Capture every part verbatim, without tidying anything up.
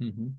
Hı hı.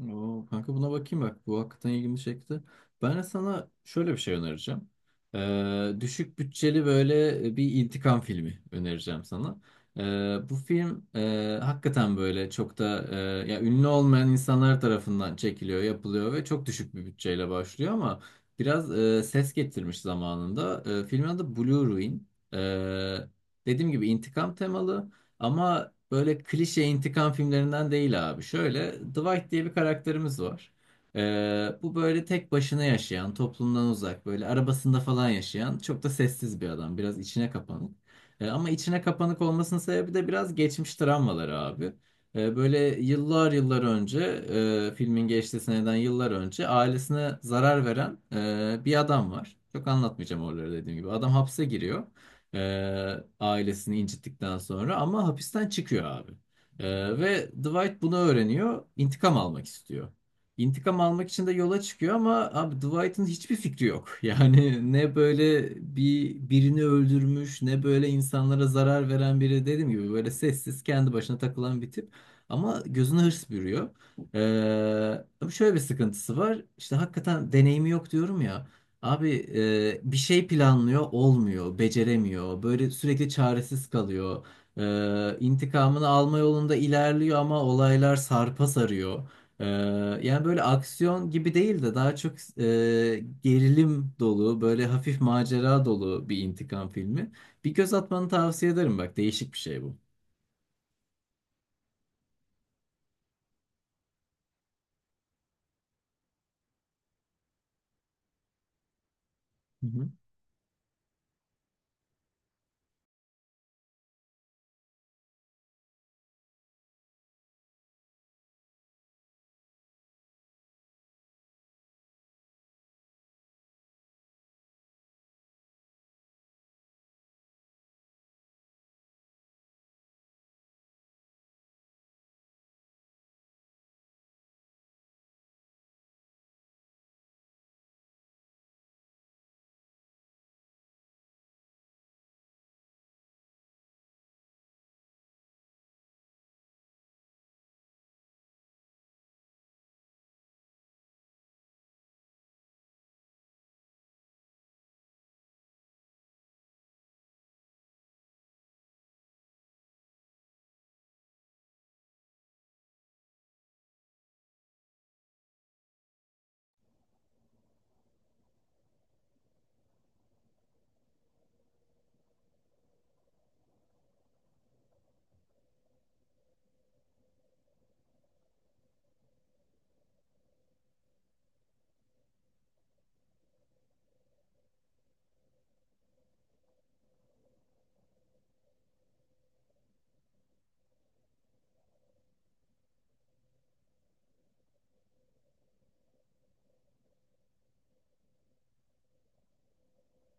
Oo, kanka buna bakayım bak. Bu hakikaten ilgimi çekti. Ben de sana şöyle bir şey önereceğim. Ee, düşük bütçeli böyle e, bir intikam filmi önereceğim sana. Ee, bu film e, hakikaten böyle çok da e, ya ünlü olmayan insanlar tarafından çekiliyor, yapılıyor ve çok düşük bir bütçeyle başlıyor ama biraz e, ses getirmiş zamanında. E, filmin adı Blue Ruin. Ee, Dediğim gibi intikam temalı. Ama böyle klişe intikam filmlerinden değil abi. Şöyle Dwight diye bir karakterimiz var. Ee, bu böyle tek başına yaşayan, toplumdan uzak, böyle arabasında falan yaşayan çok da sessiz bir adam. Biraz içine kapanık. Ee, ama içine kapanık olmasının sebebi de biraz geçmiş travmaları abi. Ee, böyle yıllar yıllar önce, e, filmin geçtiği seneden yıllar önce ailesine zarar veren e, bir adam var. Çok anlatmayacağım oraları dediğim gibi. Adam hapse giriyor. Ee, ailesini incittikten sonra ama hapisten çıkıyor abi. Ee, ve Dwight bunu öğreniyor. İntikam almak istiyor. İntikam almak için de yola çıkıyor ama abi Dwight'ın hiçbir fikri yok. Yani ne böyle bir birini öldürmüş, ne böyle insanlara zarar veren biri, dediğim gibi böyle sessiz kendi başına takılan bir tip. Ama gözüne hırs bürüyor. Ee, ama şöyle bir sıkıntısı var. İşte hakikaten deneyimi yok diyorum ya. Abi e, bir şey planlıyor, olmuyor, beceremiyor. Böyle sürekli çaresiz kalıyor. E, intikamını alma yolunda ilerliyor ama olaylar sarpa sarıyor. E, Yani böyle aksiyon gibi değil de daha çok e, gerilim dolu, böyle hafif macera dolu bir intikam filmi. Bir göz atmanı tavsiye ederim bak, değişik bir şey bu.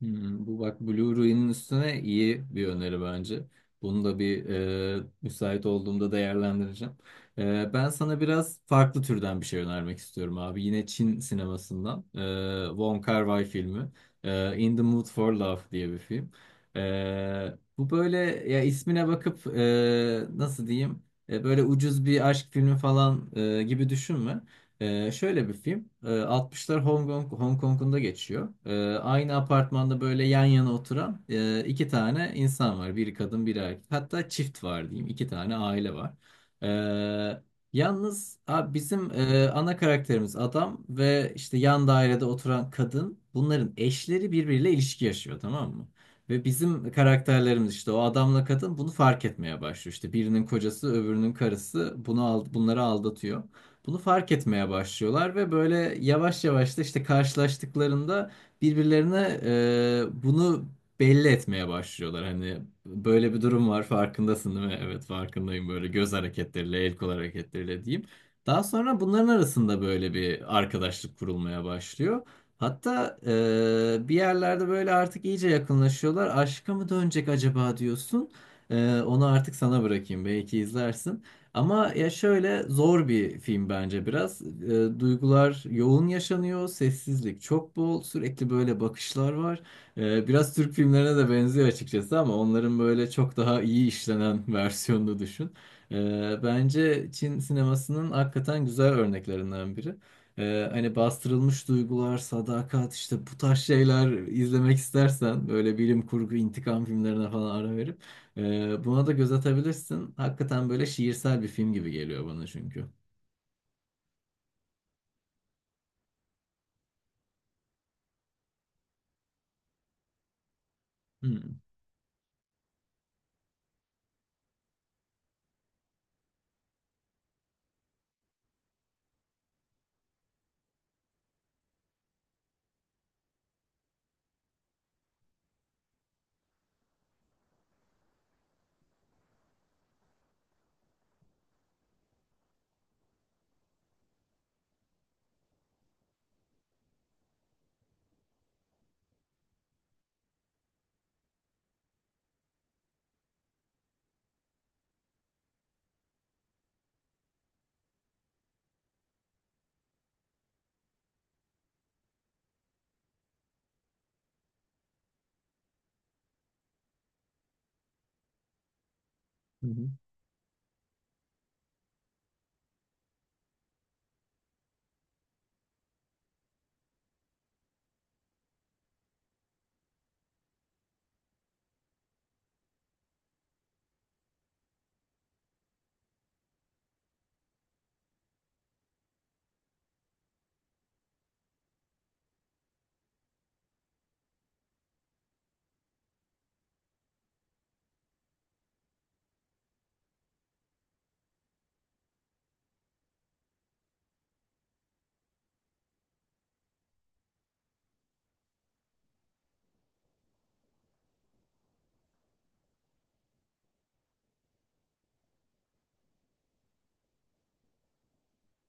Hmm, bu bak Blu-ray'nin üstüne iyi bir öneri bence. Bunu da bir e, müsait olduğumda değerlendireceğim. E, ben sana biraz farklı türden bir şey önermek istiyorum abi. Yine Çin sinemasından. E, Wong Kar-wai filmi. E, In the Mood for Love diye bir film. E, bu böyle, ya ismine bakıp e, nasıl diyeyim? E, böyle ucuz bir aşk filmi falan e, gibi düşünme. Ee, şöyle bir film. Ee, altmışlar Hong Kong, Hong Kong'unda geçiyor. Ee, aynı apartmanda böyle yan yana oturan e, iki tane insan var. Biri kadın, biri erkek. Hatta çift var diyeyim. İki tane aile var. Ee, Yalnız abi bizim e, ana karakterimiz adam ve işte yan dairede oturan kadın. Bunların eşleri birbiriyle ilişki yaşıyor, tamam mı? Ve bizim karakterlerimiz, işte o adamla kadın, bunu fark etmeye başlıyor. İşte birinin kocası, öbürünün karısı bunu al- bunları aldatıyor. Bunu fark etmeye başlıyorlar ve böyle yavaş yavaş da işte karşılaştıklarında birbirlerine e, bunu belli etmeye başlıyorlar. Hani böyle bir durum var, farkındasın değil mi? Evet farkındayım, böyle göz hareketleriyle, el kol hareketleriyle diyeyim. Daha sonra bunların arasında böyle bir arkadaşlık kurulmaya başlıyor. Hatta e, bir yerlerde böyle artık iyice yakınlaşıyorlar. Aşka mı dönecek acaba diyorsun. E, onu artık sana bırakayım, belki izlersin. Ama ya şöyle zor bir film bence biraz. E, duygular yoğun yaşanıyor, sessizlik çok bol, sürekli böyle bakışlar var. E, biraz Türk filmlerine de benziyor açıkçası ama onların böyle çok daha iyi işlenen versiyonunu düşün. E, bence Çin sinemasının hakikaten güzel örneklerinden biri. E, hani bastırılmış duygular, sadakat, işte bu tarz şeyler izlemek istersen böyle bilim kurgu, intikam filmlerine falan ara verip ee, buna da göz atabilirsin. Hakikaten böyle şiirsel bir film gibi geliyor bana çünkü. Hmm. Hı hı.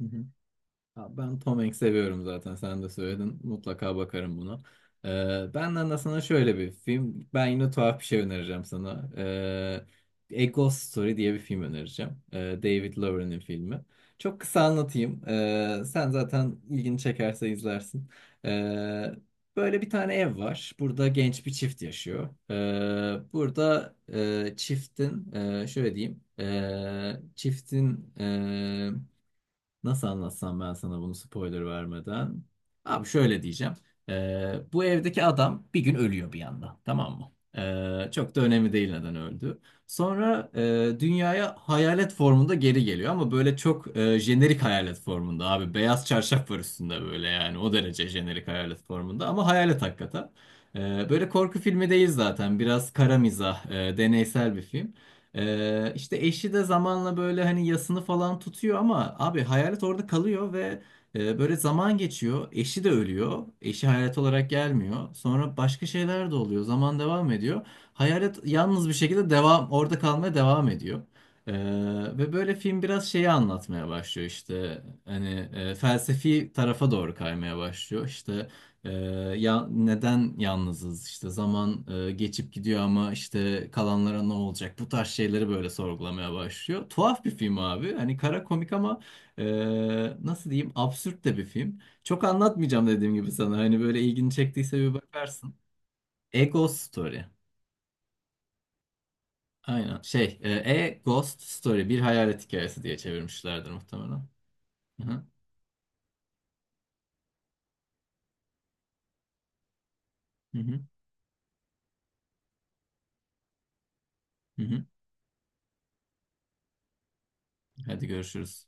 Hı hı. Ha, ben Tom Hanks seviyorum zaten. Sen de söyledin. Mutlaka bakarım buna. Ee, benden de sana şöyle bir film. Ben yine tuhaf bir şey önereceğim sana. Ee, A Ghost Story diye bir film önereceğim. Ee, David Lowery'nin filmi. Çok kısa anlatayım. Ee, sen zaten ilgini çekerse izlersin. Ee, Böyle bir tane ev var. Burada genç bir çift yaşıyor. Ee, burada e, çiftin e, Şöyle diyeyim. e, çiftin e, Nasıl anlatsam ben sana bunu spoiler vermeden? Abi şöyle diyeceğim. Ee, bu evdeki adam bir gün ölüyor bir anda. Tamam mı? Ee, çok da önemli değil neden öldü. Sonra e, dünyaya hayalet formunda geri geliyor ama böyle çok e, jenerik hayalet formunda abi. Beyaz çarşaf var üstünde böyle, yani o derece jenerik hayalet formunda, ama hayalet hakikaten. Ee, böyle korku filmi değil zaten. Biraz kara mizah, e, deneysel bir film. Ee, işte eşi de zamanla böyle hani yasını falan tutuyor ama abi hayalet orada kalıyor ve e, böyle zaman geçiyor. Eşi de ölüyor. Eşi hayalet olarak gelmiyor. Sonra başka şeyler de oluyor. Zaman devam ediyor. Hayalet yalnız bir şekilde devam orada kalmaya devam ediyor. Ee, Ve böyle film biraz şeyi anlatmaya başlıyor, işte hani e, felsefi tarafa doğru kaymaya başlıyor, işte ee, ya neden yalnızız, işte zaman e, geçip gidiyor ama işte kalanlara ne olacak, bu tarz şeyleri böyle sorgulamaya başlıyor. Tuhaf bir film abi, hani kara komik ama e, nasıl diyeyim, absürt de bir film. Çok anlatmayacağım dediğim gibi sana, hani böyle ilgini çektiyse bir bakarsın. A Ghost Story. Aynen şey, e, A Ghost Story, bir hayalet hikayesi diye çevirmişlerdir muhtemelen. Hı hı, hı hı, hı hı. Hadi görüşürüz.